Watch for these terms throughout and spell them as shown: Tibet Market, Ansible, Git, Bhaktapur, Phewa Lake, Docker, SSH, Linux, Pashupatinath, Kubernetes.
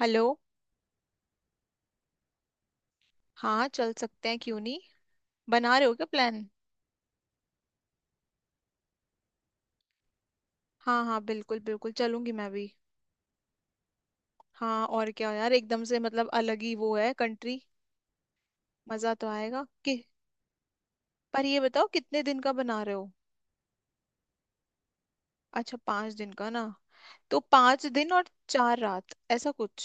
Hello. हाँ, चल सकते हैं, क्यों नहीं। बना रहे हो क्या प्लान? हाँ हाँ, बिल्कुल बिल्कुल, चलूंगी मैं भी। हाँ, और क्या यार, एकदम से मतलब अलग ही वो है कंट्री। मजा तो आएगा कि। पर ये बताओ कितने दिन का बना रहे हो? अच्छा, 5 दिन का ना। तो 5 दिन और 4 रात ऐसा कुछ।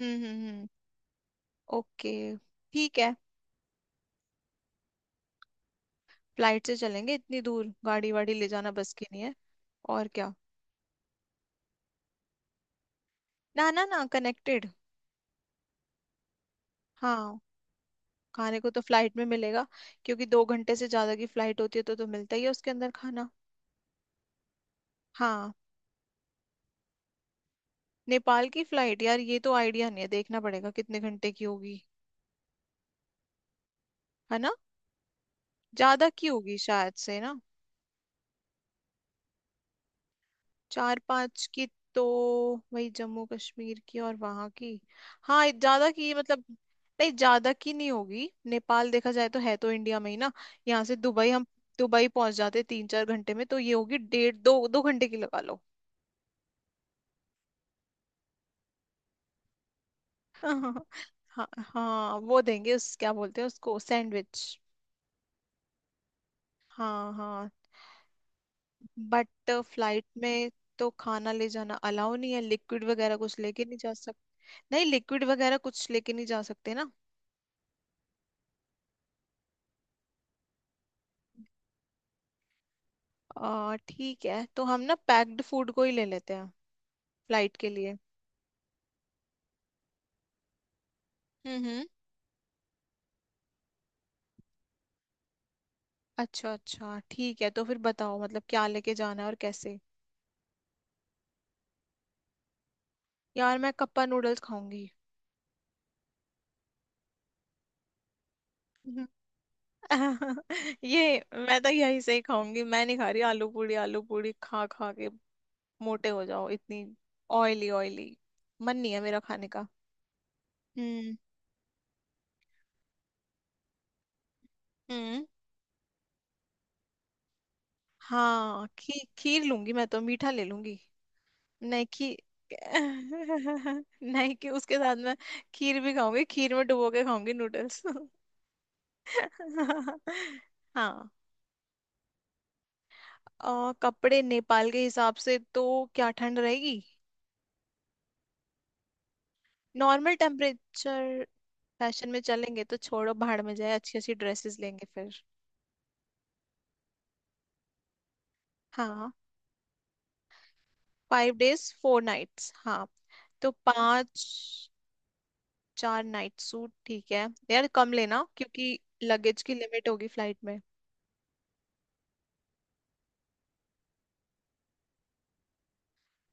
हम्म। ओके। ठीक है। फ्लाइट से चलेंगे, इतनी दूर गाड़ी वाड़ी ले जाना बस की नहीं है। और क्या। ना ना ना, कनेक्टेड। हाँ, खाने को तो फ्लाइट में मिलेगा। क्योंकि 2 घंटे से ज्यादा की फ्लाइट होती है तो मिलता ही है उसके अंदर खाना। हाँ। नेपाल की फ्लाइट यार, ये तो आइडिया नहीं है, देखना पड़ेगा कितने घंटे की होगी। है ना। ज्यादा की होगी शायद से ना। चार पांच की। तो वही जम्मू कश्मीर की और वहां की। हाँ, ज्यादा की मतलब। नहीं, ज्यादा की नहीं होगी, नेपाल देखा जाए तो है तो इंडिया में ही ना। यहाँ से दुबई हम दुबई पहुंच जाते 3-4 घंटे में, तो ये होगी डेढ़ दो दो घंटे की लगा लो। हाँ हाँ हाँ, वो देंगे उस क्या बोलते हैं उसको, सैंडविच। हाँ हाँ। बट फ्लाइट में। तो खाना ले जाना अलाउ नहीं है, लिक्विड वगैरह कुछ लेके नहीं जा सकते। नहीं, लिक्विड वगैरह कुछ लेके नहीं जा सकते ना। आ, ठीक है, तो हम ना पैक्ड फूड को ही ले लेते हैं फ्लाइट के लिए। हम्म। अच्छा अच्छा, ठीक है, तो फिर बताओ मतलब क्या लेके जाना है और कैसे। यार मैं कप्पा नूडल्स खाऊंगी। हम्म। ये मैं तो यही से ही खाऊंगी, मैं नहीं खा रही आलू पूड़ी, आलू पूड़ी खा खा के मोटे हो जाओ इतनी। ऑयली ऑयली, मन नहीं है मेरा खाने का। हम्म हम्म। हाँ, खीर लूंगी, मैं तो मीठा ले लूंगी। नहीं खी नहीं कि उसके साथ मैं खीर भी खाऊंगी, खीर में डुबो के खाऊंगी नूडल्स। हाँ। और कपड़े नेपाल के हिसाब से तो क्या ठंड रहेगी? Normal temperature. फैशन में चलेंगे तो छोड़ो, भाड़ में जाए, अच्छी अच्छी ड्रेसेस लेंगे फिर। हाँ, फाइव डेज फोर नाइट्स, हाँ। तो पांच। 4 नाइट सूट, ठीक है यार, कम लेना क्योंकि लगेज की लिमिट होगी फ्लाइट में।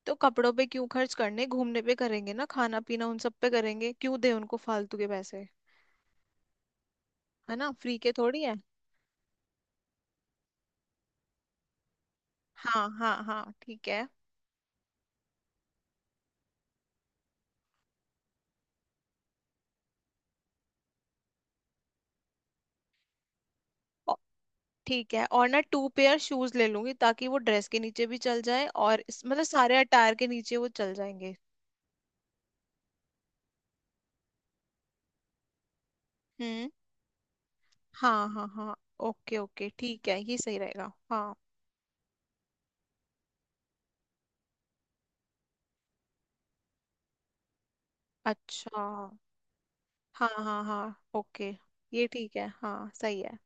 तो कपड़ों पे क्यों खर्च करने, घूमने पे करेंगे ना, खाना पीना उन सब पे करेंगे, क्यों दे उनको फालतू के पैसे। है ना, फ्री के थोड़ी है। हाँ हाँ हाँ, ठीक है। औ- ठीक है, और ना टू पेयर शूज ले लूंगी ताकि वो ड्रेस के नीचे भी चल जाए, और मतलब सारे अटायर के नीचे वो चल जाएंगे। हम्म। हाँ हाँ हाँ, ओके ओके, ठीक है, ये सही रहेगा हाँ। अच्छा। हाँ हाँ हाँ, ओके, ये ठीक है हाँ, सही है।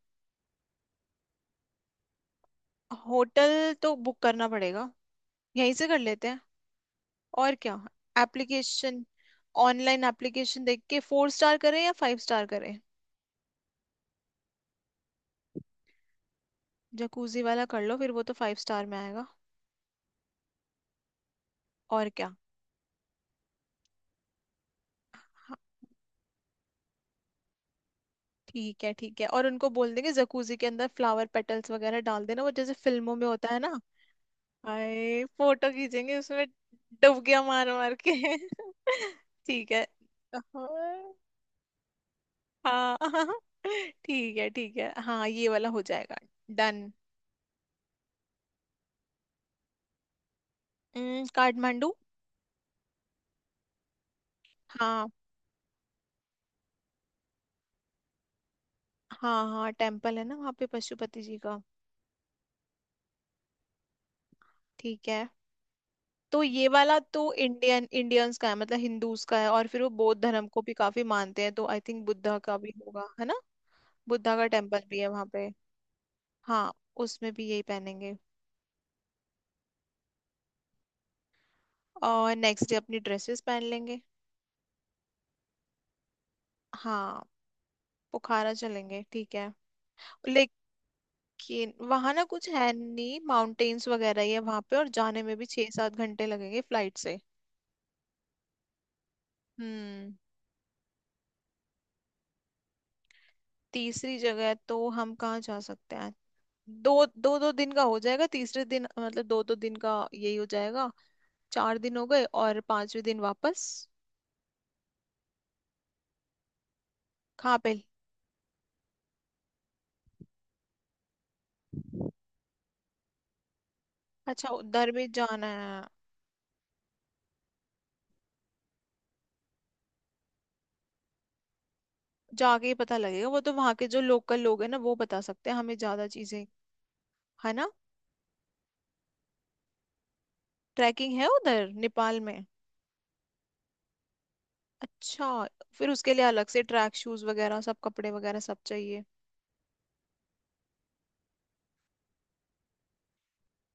होटल तो बुक करना पड़ेगा, यहीं से कर लेते हैं। और क्या। एप्लीकेशन। ऑनलाइन एप्लीकेशन देख के फोर स्टार करें या फाइव स्टार करें? जकूजी वाला कर लो फिर, वो तो फाइव स्टार में आएगा। और क्या। हाँ। ठीक है ठीक है, और उनको बोल देंगे जकूजी के अंदर फ्लावर पेटल्स वगैरह डाल देना, वो जैसे फिल्मों में होता है ना। आए, फोटो खींचेंगे उसमें, डुबकियां मार मार के। ठीक है। हाँ, हाँ। हाँ, ठीक है हाँ, ये वाला हो जाएगा। डन। काठमांडू। हाँ हाँ हाँ, टेम्पल है ना वहाँ पे पशुपति जी का। ठीक है। तो ये वाला तो इंडियन इंडियंस का है, मतलब हिंदूज का है, और फिर वो बौद्ध धर्म को भी काफी मानते हैं, तो आई थिंक बुद्धा का भी होगा है ना। बुद्धा का टेम्पल भी है वहाँ पे। हाँ, उसमें भी यही पहनेंगे। और नेक्स्ट डे अपनी ड्रेसेस पहन लेंगे। हाँ, बुखारा चलेंगे, ठीक है। कि वहां ना कुछ है नहीं, माउंटेन्स वगैरह ही है वहां पे, और जाने में भी 6-7 घंटे लगेंगे फ्लाइट से। हम्म। तीसरी जगह तो हम कहाँ जा सकते हैं। दो दो दो दिन का हो जाएगा, तीसरे दिन, मतलब दो दो दिन का यही हो जाएगा। 4 दिन हो गए और 5वें दिन वापस। कहाँ पे? अच्छा, उधर भी जाना है। जाके ही पता लगेगा, वो तो वहां के जो लोकल लोग हैं ना, वो बता सकते हैं हमें ज्यादा चीजें। है ना। ट्रैकिंग है उधर नेपाल में? अच्छा। फिर उसके लिए अलग से ट्रैक शूज वगैरह सब, कपड़े वगैरह सब चाहिए।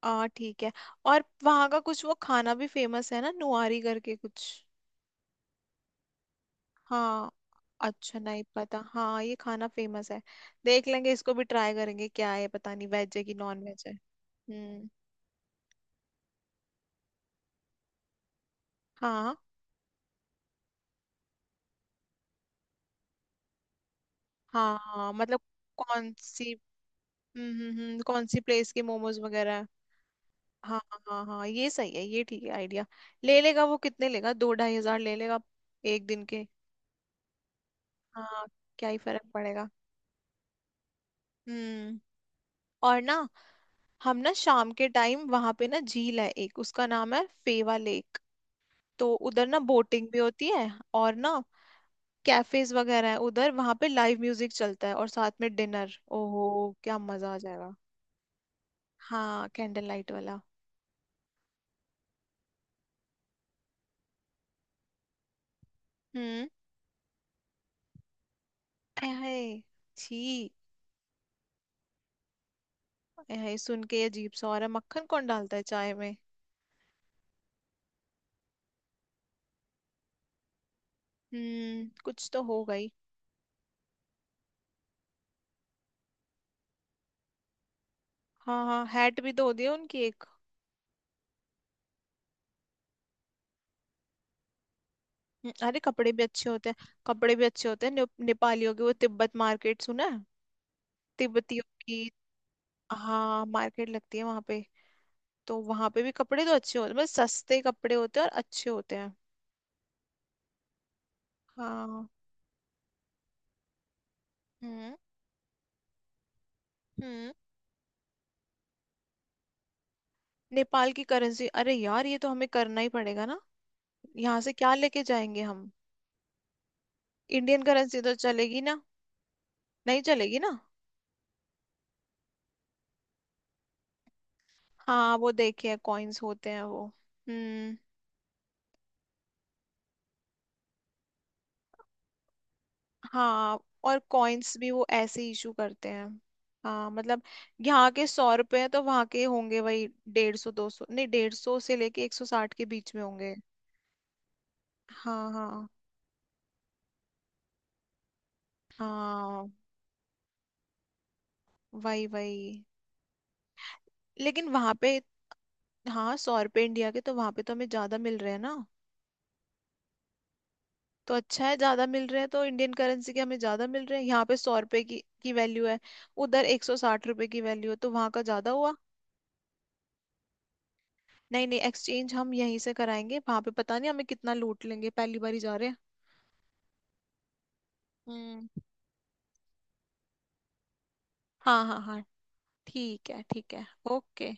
आ, ठीक है। और वहाँ का कुछ वो खाना भी फेमस है ना, नुआरी करके कुछ। हाँ। अच्छा नहीं पता, हाँ ये खाना फेमस है। देख लेंगे, इसको भी ट्राई करेंगे, क्या है पता नहीं, वेज है कि नॉन वेज है। हम्म। हाँ हाँ हाँ, मतलब। कौन सी। कौन सी प्लेस के मोमोज वगैरह है? हाँ हाँ हाँ, ये सही है, ये ठीक है आइडिया। ले लेगा वो, कितने लेगा, 2-2.5 हज़ार ले लेगा एक दिन के। हाँ, क्या ही फर्क पड़ेगा। हम्म। और ना, हम ना शाम के टाइम वहां पे ना झील है एक, उसका नाम है फेवा लेक। तो उधर ना बोटिंग भी होती है, और ना कैफेज वगैरह है उधर, वहां पे लाइव म्यूजिक चलता है और साथ में डिनर। ओहो, क्या मजा आ जाएगा। हाँ, कैंडल लाइट वाला। हम्म। ऐ हाय, छी। ऐ हाय, सुन के ये अजीब सा हो रहा है, मक्खन कौन डालता है चाय में। हम्म, कुछ तो हो गई। हाँ हाँ, हैट भी धो दिया उनकी एक। अरे कपड़े भी अच्छे होते हैं, कपड़े भी अच्छे होते हैं, नेपालियों की वो तिब्बत मार्केट सुना है। तिब्बतियों की। हाँ, मार्केट लगती है वहां पे। तो वहां पे भी कपड़े तो अच्छे होते हैं, मतलब सस्ते कपड़े होते हैं और अच्छे होते हैं। हाँ। हम्म हम्म। नेपाल की करेंसी, अरे यार, ये तो हमें करना ही पड़ेगा ना। यहाँ से क्या लेके जाएंगे हम? इंडियन करेंसी तो चलेगी ना। नहीं चलेगी ना। हाँ, वो देखिए कॉइन्स होते हैं वो। हम्म। हाँ, और कॉइन्स भी वो ऐसे इशू करते हैं। हाँ, मतलब यहाँ के 100 रुपए हैं तो वहाँ के होंगे वही 150-200, नहीं 150 से लेके 160 के बीच में होंगे। हाँ हाँ हाँ, वही वही। लेकिन वहाँ पे। हाँ, 100 रुपए इंडिया के तो वहाँ पे तो हमें ज्यादा मिल रहे हैं ना। तो अच्छा है, ज्यादा मिल रहे हैं, तो इंडियन करेंसी के हमें ज्यादा मिल रहे हैं, यहाँ पे 100 रुपए की वैल्यू है। उधर 160 रुपए की वैल्यू है, तो वहाँ का ज्यादा हुआ। नहीं नहीं, एक्सचेंज हम यहीं से कराएंगे, वहां पे पता नहीं हमें कितना लूट लेंगे, पहली बार ही जा रहे हैं। हम्म। हाँ हाँ हाँ, ठीक है ठीक है, ओके।